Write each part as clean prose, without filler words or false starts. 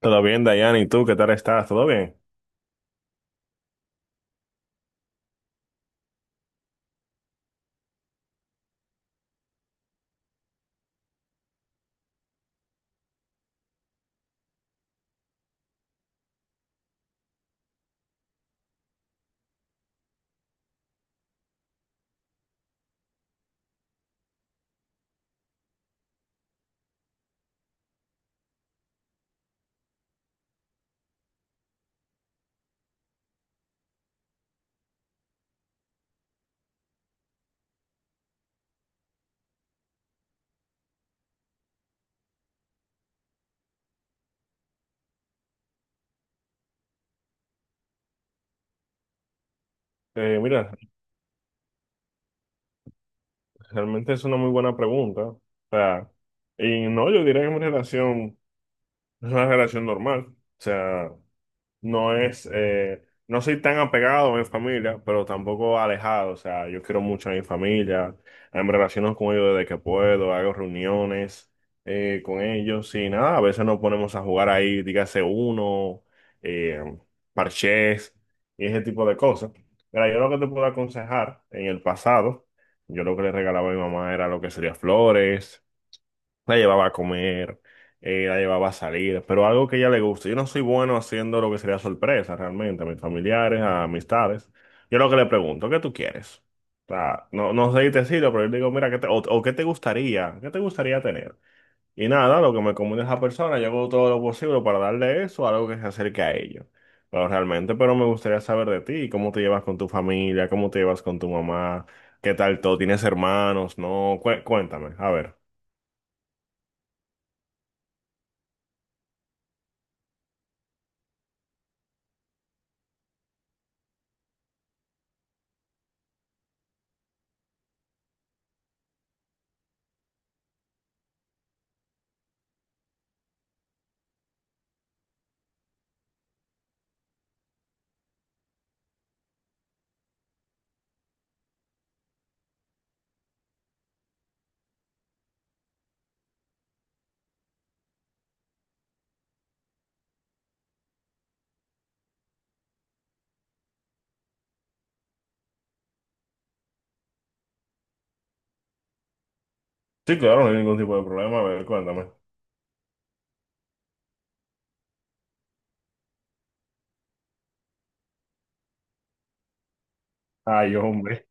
Todo bien, Dayana, ¿y tú qué tal estás? ¿Todo bien? Mira, realmente es una muy buena pregunta. O sea, y no, yo diría que mi relación es una relación normal. O sea, no es, no soy tan apegado a mi familia, pero tampoco alejado. O sea, yo quiero mucho a mi familia, me relaciono con ellos desde que puedo, hago reuniones con ellos y nada, a veces nos ponemos a jugar ahí, dígase uno, eh, parchés y ese tipo de cosas. Mira, yo lo que te puedo aconsejar en el pasado, yo lo que le regalaba a mi mamá era lo que sería flores, la llevaba a comer, la llevaba a salir, pero algo que a ella le guste. Yo no soy bueno haciendo lo que sería sorpresa realmente a mis familiares, a amistades. Yo lo que le pregunto, ¿qué tú quieres? O sea, no, no sé decirlo, pero yo le digo, mira, ¿o qué te gustaría? ¿Qué te gustaría tener? Y nada, lo que me comunica esa persona, yo hago todo lo posible para darle eso, algo que se acerque a ello. Pero realmente, pero me gustaría saber de ti, cómo te llevas con tu familia, cómo te llevas con tu mamá, qué tal todo, tienes hermanos, no, cuéntame, a ver. Sí, claro, no hay ningún tipo de problema. A ver, cuéntame. Ay, hombre.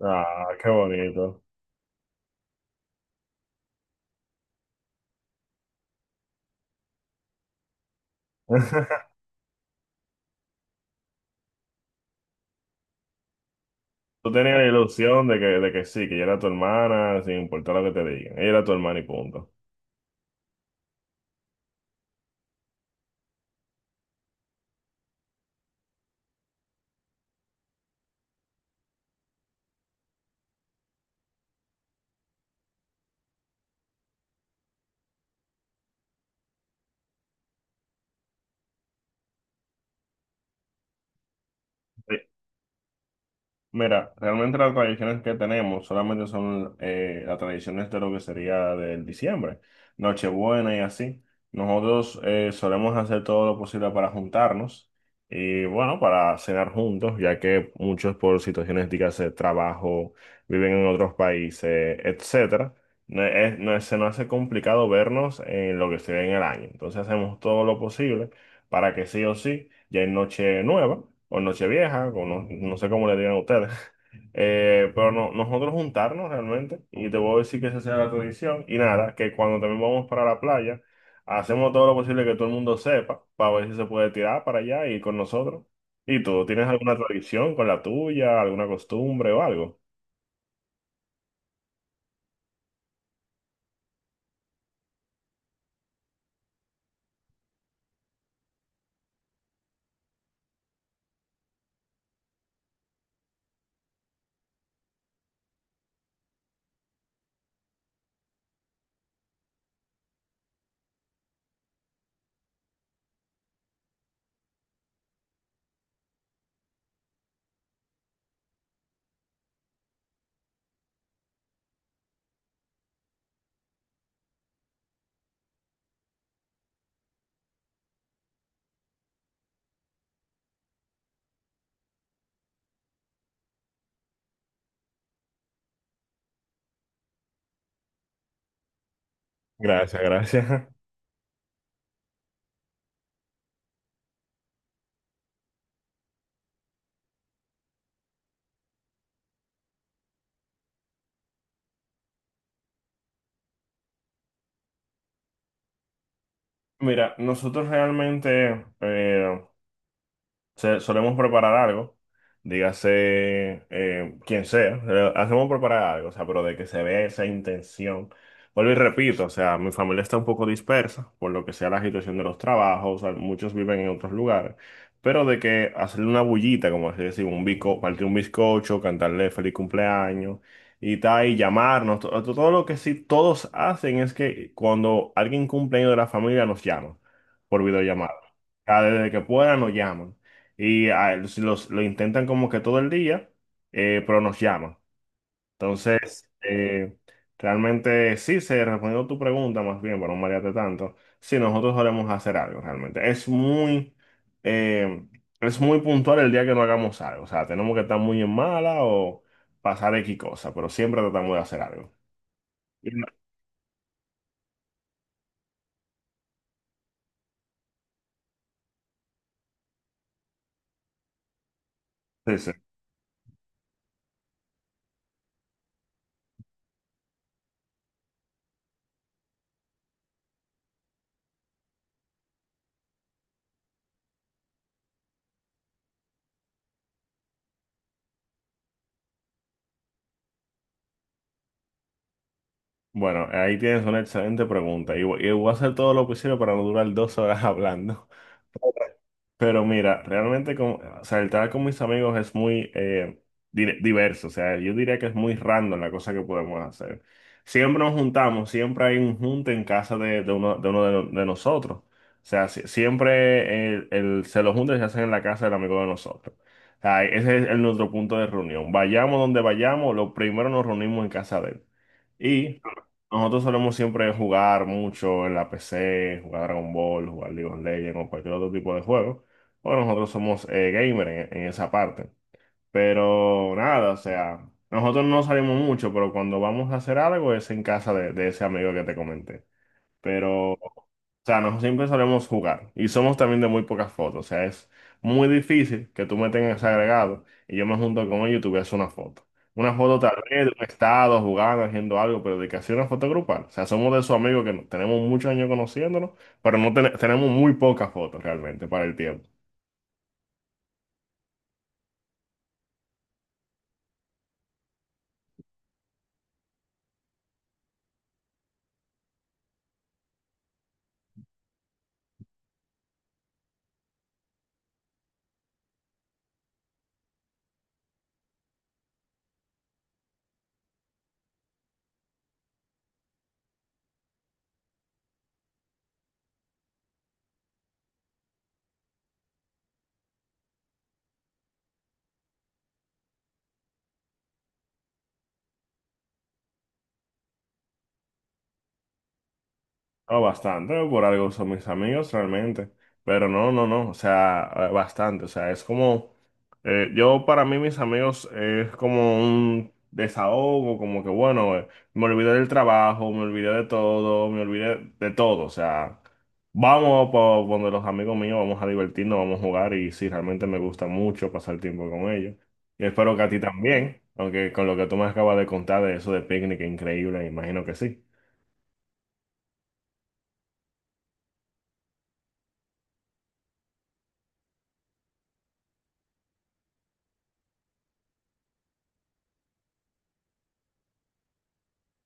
Ah, qué bonito. Tú tenías la ilusión de que sí, que ella era tu hermana, sin importar lo que te digan. Ella era tu hermana y punto. Mira, realmente las tradiciones que tenemos solamente son las tradiciones de lo que sería del diciembre, Nochebuena y así. Nosotros solemos hacer todo lo posible para juntarnos y bueno, para cenar juntos, ya que muchos por situaciones, dígase, trabajo, viven en otros países, etcétera. No es- no es- Se nos hace complicado vernos en lo que se ve en el año. Entonces hacemos todo lo posible para que sí o sí ya es noche nueva o noche vieja, o no, no sé cómo le digan ustedes. Pero no, nosotros juntarnos realmente, y te voy a decir que esa sea la tradición, y nada, que cuando también vamos para la playa, hacemos todo lo posible que todo el mundo sepa, para ver si se puede tirar para allá y con nosotros. ¿Y tú, tienes alguna tradición con la tuya, alguna costumbre o algo? Gracias, gracias. Mira, nosotros realmente, solemos preparar algo, dígase quien sea, hacemos preparar algo, o sea, pero de que se vea esa intención. Vuelvo y repito, o sea, mi familia está un poco dispersa por lo que sea la situación de los trabajos, o sea, muchos viven en otros lugares, pero de que hacerle una bullita, como así decir, un bizco, partir un bizcocho, cantarle feliz cumpleaños y tal, y llamarnos, todo lo que sí todos hacen es que cuando alguien cumpleaños de la familia nos llama por videollamada. O sea, desde que puedan nos llaman y ah, lo intentan como que todo el día, pero nos llaman. Entonces, realmente sí, se respondió tu pregunta más bien, para no marearte tanto, sí, nosotros solemos hacer algo realmente. Eh, es muy puntual el día que no hagamos algo, o sea, tenemos que estar muy en mala o pasar X cosa, pero siempre tratamos de hacer algo. Y no, sí, sí. Bueno, ahí tienes una excelente pregunta y y voy a hacer todo lo posible para no durar dos horas hablando. Pero mira, realmente como, o sea, el tratar con mis amigos es muy diverso, o sea, yo diría que es muy random la cosa que podemos hacer. Siempre nos juntamos, siempre hay un junte en casa de uno, de nosotros. O sea, siempre se los junta se hacen en la casa del amigo de nosotros. O sea, ese es nuestro punto de reunión. Vayamos donde vayamos, lo primero nos reunimos en casa de él. Y nosotros solemos siempre jugar mucho en la PC, jugar Dragon Ball, jugar League of Legends o cualquier otro tipo de juego. Bueno, nosotros somos gamer en esa parte. Pero nada, o sea, nosotros no salimos mucho, pero cuando vamos a hacer algo es en casa de ese amigo que te comenté. Pero, o sea, nosotros siempre solemos jugar y somos también de muy pocas fotos. O sea, es muy difícil que tú me tengas agregado y yo me junto con ellos y tú veas una foto. Una foto tal vez de un estado, jugando, haciendo algo, pero de que hacía una foto grupal. O sea, somos de esos amigos que no tenemos muchos años conociéndonos, pero no ten- tenemos muy pocas fotos realmente para el tiempo. No, bastante, ¿no? Por algo son mis amigos realmente. Pero no, no, no, o sea, bastante. O sea, es como, yo para mí mis amigos es como un desahogo, como que bueno, me olvidé del trabajo, me olvidé de todo, me olvidé de todo. O sea, vamos por donde los amigos míos, vamos a divertirnos, vamos a jugar y sí, realmente me gusta mucho pasar tiempo con ellos. Y espero que a ti también, aunque con lo que tú me acabas de contar de eso de picnic, increíble, imagino que sí.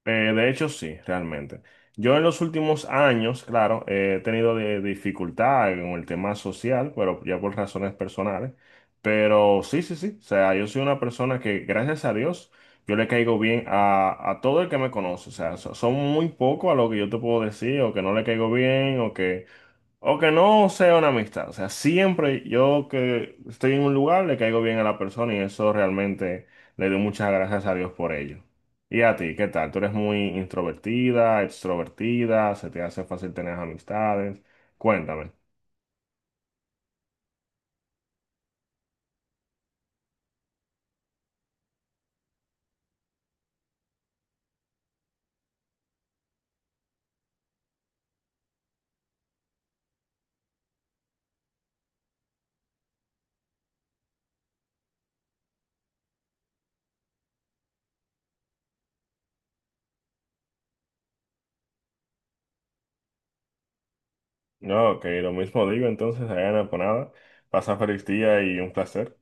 De hecho, sí, realmente. Yo en los últimos años, claro, he tenido dificultad con el tema social, pero ya por razones personales. Pero sí, sí, sí. O sea, yo soy una persona que, gracias a Dios, yo le caigo bien a todo el que me conoce. O sea, son muy pocos a lo que yo te puedo decir, o que no le caigo bien, o que no sea una amistad. O sea, siempre yo que estoy en un lugar le caigo bien a la persona y eso realmente le doy muchas gracias a Dios por ello. ¿Y a ti, qué tal? ¿Tú eres muy introvertida, extrovertida? ¿Se te hace fácil tener amistades? Cuéntame. No, ok, lo mismo digo entonces, Diana, por nada. Pasa feliz día y un placer.